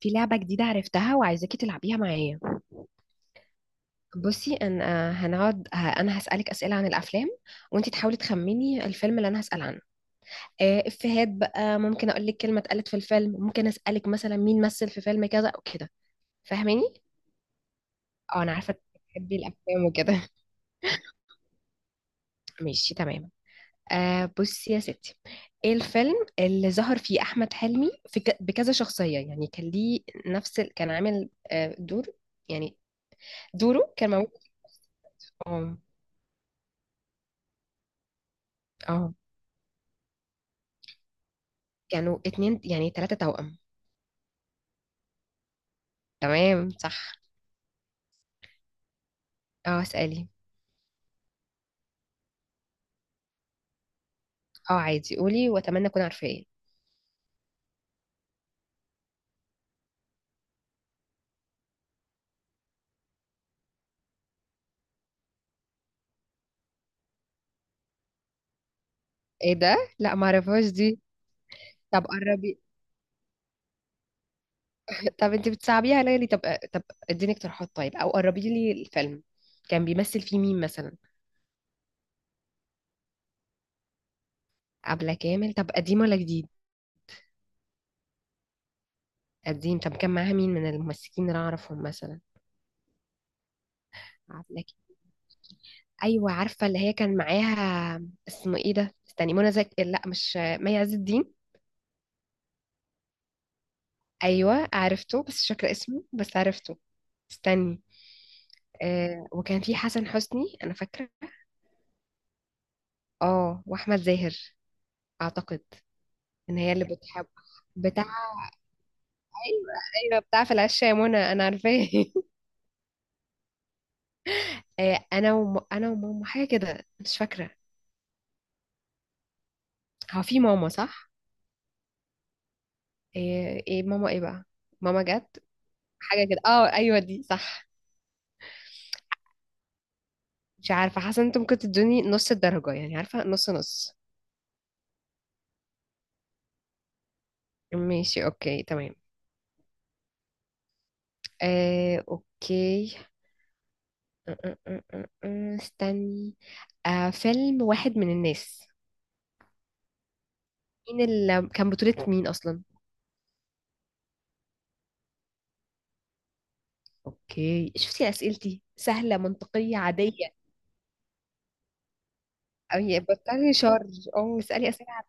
في لعبة جديدة عرفتها وعايزاكي تلعبيها معايا. بصي انا هنقعد انا هسألك أسئلة عن الافلام، وانتي تحاولي تخميني الفيلم اللي انا هسأل عنه. افيهات بقى، ممكن اقول لك كلمة اتقالت في الفيلم، ممكن اسألك مثلا مين مثل في فيلم كذا او كده. فاهماني؟ اه انا عارفة بتحبي الافلام وكده. ماشي تمام. بصي يا ستي، ايه الفيلم اللي ظهر فيه احمد حلمي في بكذا شخصية؟ يعني كان ليه نفس كان عامل دور، يعني دوره كان موجود. اه. اه كانوا اتنين، يعني تلاتة توأم. تمام صح. اه اسألي. اه عادي قولي، واتمنى اكون عارفة ايه. ايه ده؟ لا ما اعرفهاش دي. طب قربي. طب انت بتصعبيها عليا ليه؟ طب، طب اديني اقتراحات طيب، او قربي لي الفيلم، كان بيمثل فيه مين مثلا؟ عبلة كامل؟ طب قديم ولا جديد؟ قديم؟ طب كان معاها مين من الممثلين اللي أنا اعرفهم مثلا؟ عبلة كامل، ايوه عارفة اللي هي كان معاها. اسمه ايه ده؟ استني، منى زكي، لا، مش مي عز الدين. ايوه عرفته، بس مش فاكره اسمه، بس عرفته. استني. وكان في حسن حسني انا فاكره. اه، واحمد زاهر اعتقد، ان هي اللي بتحب بتاع. ايوه ايوه، بتاع في العشة يا منى، انا عارفاه. انا وماما، حاجه كده مش فاكره. هو في ماما صح؟ ايه إيه ماما ايه بقى؟ ماما جت، حاجه كده، اه ايوه دي صح. مش عارفه، حاسه انت ممكن تدوني نص الدرجه، يعني عارفه، نص نص. ماشي اوكي تمام. اوكي. أم- أم- أم- أم. استني. فيلم واحد من الناس، مين اللي كان بطولة، مين أصلا؟ أوكي، شفتي أسئلتي سهلة منطقية عادية. أي بطلي شر، أو اسألي أسئلة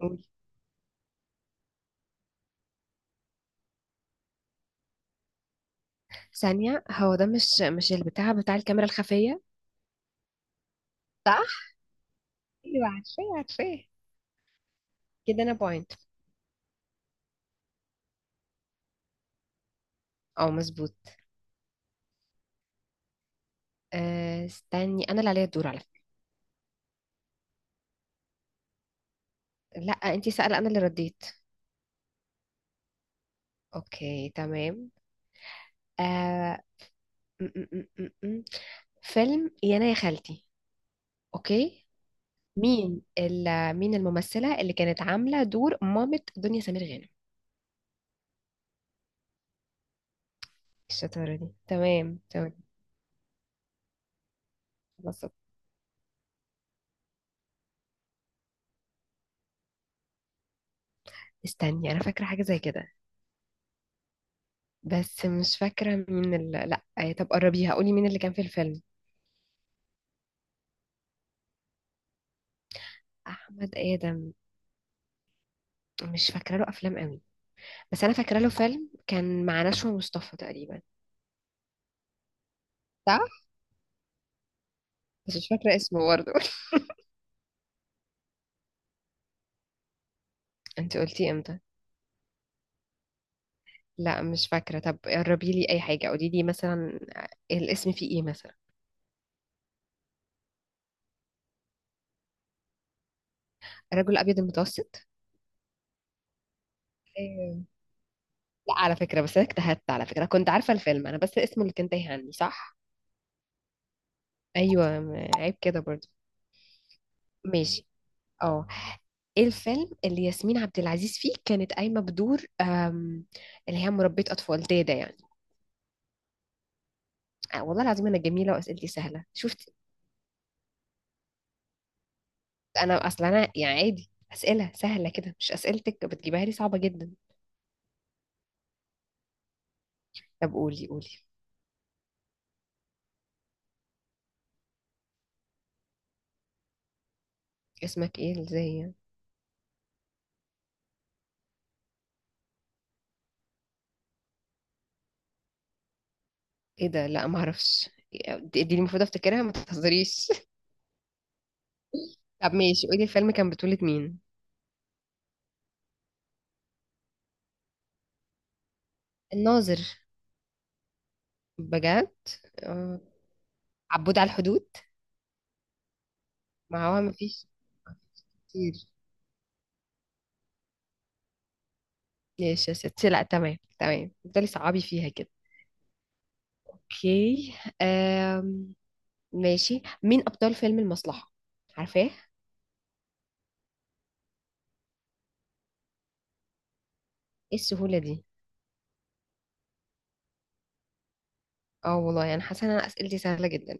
عادية. ثانية، هو ده مش، مش البتاع بتاع الكاميرا الخفية؟ صح؟ أيوة عارفاه عارفاه. كده أنا بوينت. أه مظبوط. استني، أنا اللي عليا الدور على فكرة. لأ أنتي سألة أنا اللي رديت. أوكي تمام. آه، م- م- م- م- م. فيلم يا أنا يا خالتي. اوكي. مين الممثلة اللي كانت عاملة دور مامة دنيا سمير غانم؟ الشطارة دي، تمام تمام. بصت، استني انا فاكرة حاجة زي كده، بس مش فاكرة لا طب قربيها، قولي مين اللي كان في الفيلم. احمد ادم؟ مش فاكرة له افلام قوي، بس انا فاكرة له فيلم كان مع نشوى مصطفى تقريبا. صح؟ بس مش فاكرة اسمه برضه. انت قلتي امتى؟ لا مش فاكرة، طب قربي لي اي حاجة، قولي لي مثلا الاسم فيه ايه مثلا. الرجل الابيض المتوسط؟ ايوه، لا على فكرة، بس انا اجتهدت على فكرة، كنت عارفة الفيلم انا، بس اسمه اللي كان تايه عني، صح؟ ايوه عيب كده برضو. ماشي. اه، ايه الفيلم اللي ياسمين عبد العزيز فيه كانت قايمة بدور اللي هي مربية اطفال، دادا يعني؟ والله العظيم انا جميلة واسئلتي سهلة، شفت؟ انا اصلا انا يعني عادي اسئلة سهلة كده، مش اسئلتك بتجيبها لي صعبة جدا. طب قولي قولي. اسمك ايه ازاي يعني؟ ايه ده؟ لا ما اعرفش، دي دي المفروض افتكرها، ما تهزريش. طب ماشي، قولي الفيلم كان بطولة مين. الناظر؟ بجد؟ آه، عبود على الحدود. ما هو مفيش، مفيش كتير. ماشي يا ستي، لا تمام تمام، تفضلي صعبي فيها كده. اوكي. آم، ماشي، مين ابطال فيلم المصلحة؟ عارفاه. ايه السهولة دي؟ اه والله، يعني حاسة ان انا اسئلتي سهلة جدا.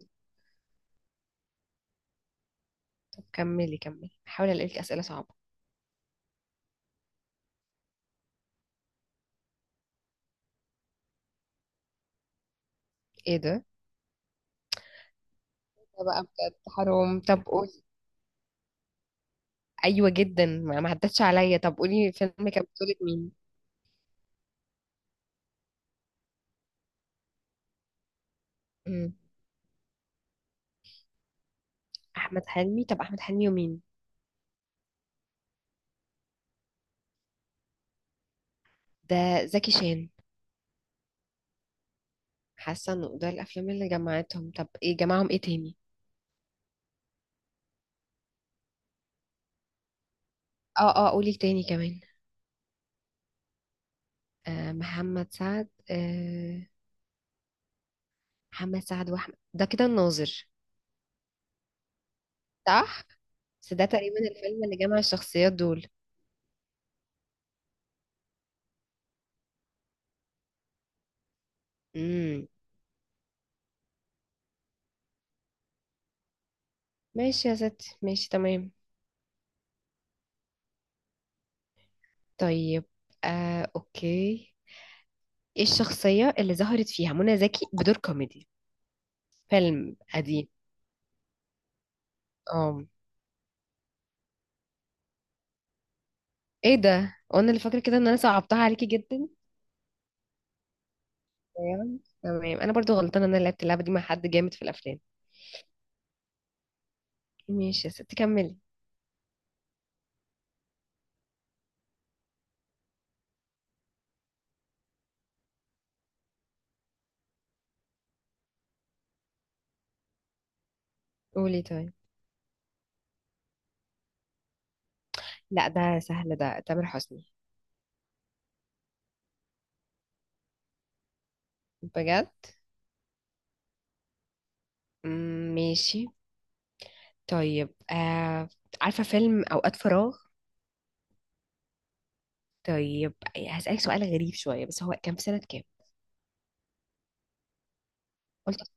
طب كملي كملي، هحاول الاقي لك اسئلة صعبة. ايه ده؟ ده بقى بجد حرام، طب قولي. ايوه جدا، ما ما عدتش عليا، طب قولي فيلم كان بطولة مين. مم. احمد حلمي؟ طب احمد حلمي ومين؟ ده زكي شان؟ حاسة انه ده الافلام اللي جمعتهم، طب ايه جمعهم ايه تاني؟ اه اه قولي تاني كمان. محمد سعد، محمد سعد واحمد، ده كده الناظر؟ صح، بس ده تقريبا الفيلم اللي جمع الشخصيات دول. امم. ماشي يا ستي، ماشي تمام. طيب، اوكي، ايه الشخصية اللي ظهرت فيها منى زكي بدور كوميدي؟ فيلم قديم. اه؟ ايه ده؟ وانا اللي فاكرة كده ان انا صعبتها عليكي جدا. تمام تمام، انا برضو غلطانة ان انا لعبت اللعبة دي مع حد جامد في الافلام. ماشي يا ستي كملي. قولي طيب. لا ده سهل، ده تامر حسني. بجد؟ مم، ماشي. طيب عارفة فيلم أوقات فراغ؟ طيب، هسألك سؤال غريب شوية، بس هو كان في سنة كام؟ قلت،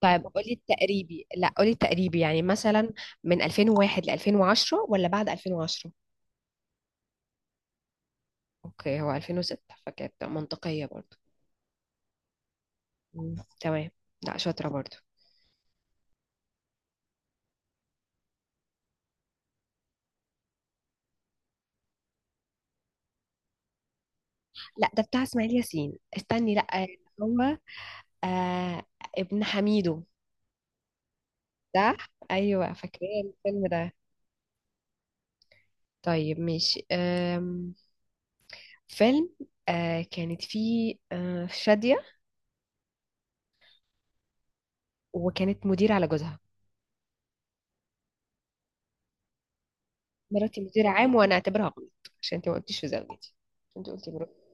طيب قولي التقريبي، لا قولي التقريبي، يعني مثلا من 2001 ل 2010 ولا بعد 2010؟ اوكي، هو 2006، فكانت منطقية برضو. مم، تمام. لا شاطرة برضو. لا ده بتاع اسماعيل ياسين، استني، لا، هو آه ابن حميدو. صح؟ ايوه فاكرة الفيلم ده. طيب ماشي، فيلم أه كانت فيه أه شادية، وكانت مدير على جوزها. مراتي مدير عام، وانا اعتبرها غلط، عشان انت ما قلتيش في زوجتي، انت قلتي مراتي،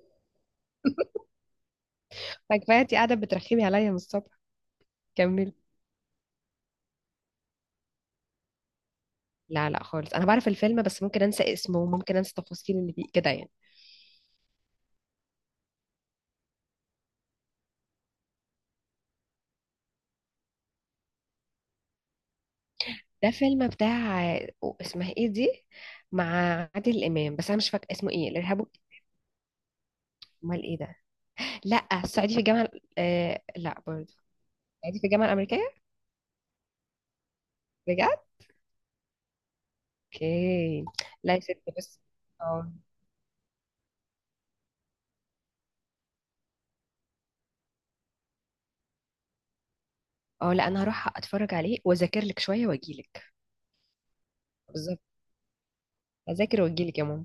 فكفايه انت قاعده بترخمي عليا من الصبح. كملي، لا لا خالص، انا بعرف الفيلم، بس ممكن انسى اسمه وممكن انسى التفاصيل اللي فيه كده يعني. ده فيلم بتاع، اسمها ايه دي، مع عادل امام، بس انا مش فاكره اسمه، ايه، الارهاب امال ايه ده، لا الصعيدي في الجامعه، لا، قاعدين في الجامعة الأمريكية. بجد؟ اوكي. لا يا ستي بس، اه اه لا انا هروح اتفرج عليه واذاكر لك شوية واجيلك. بالظبط، اذاكر واجيلك يا ماما.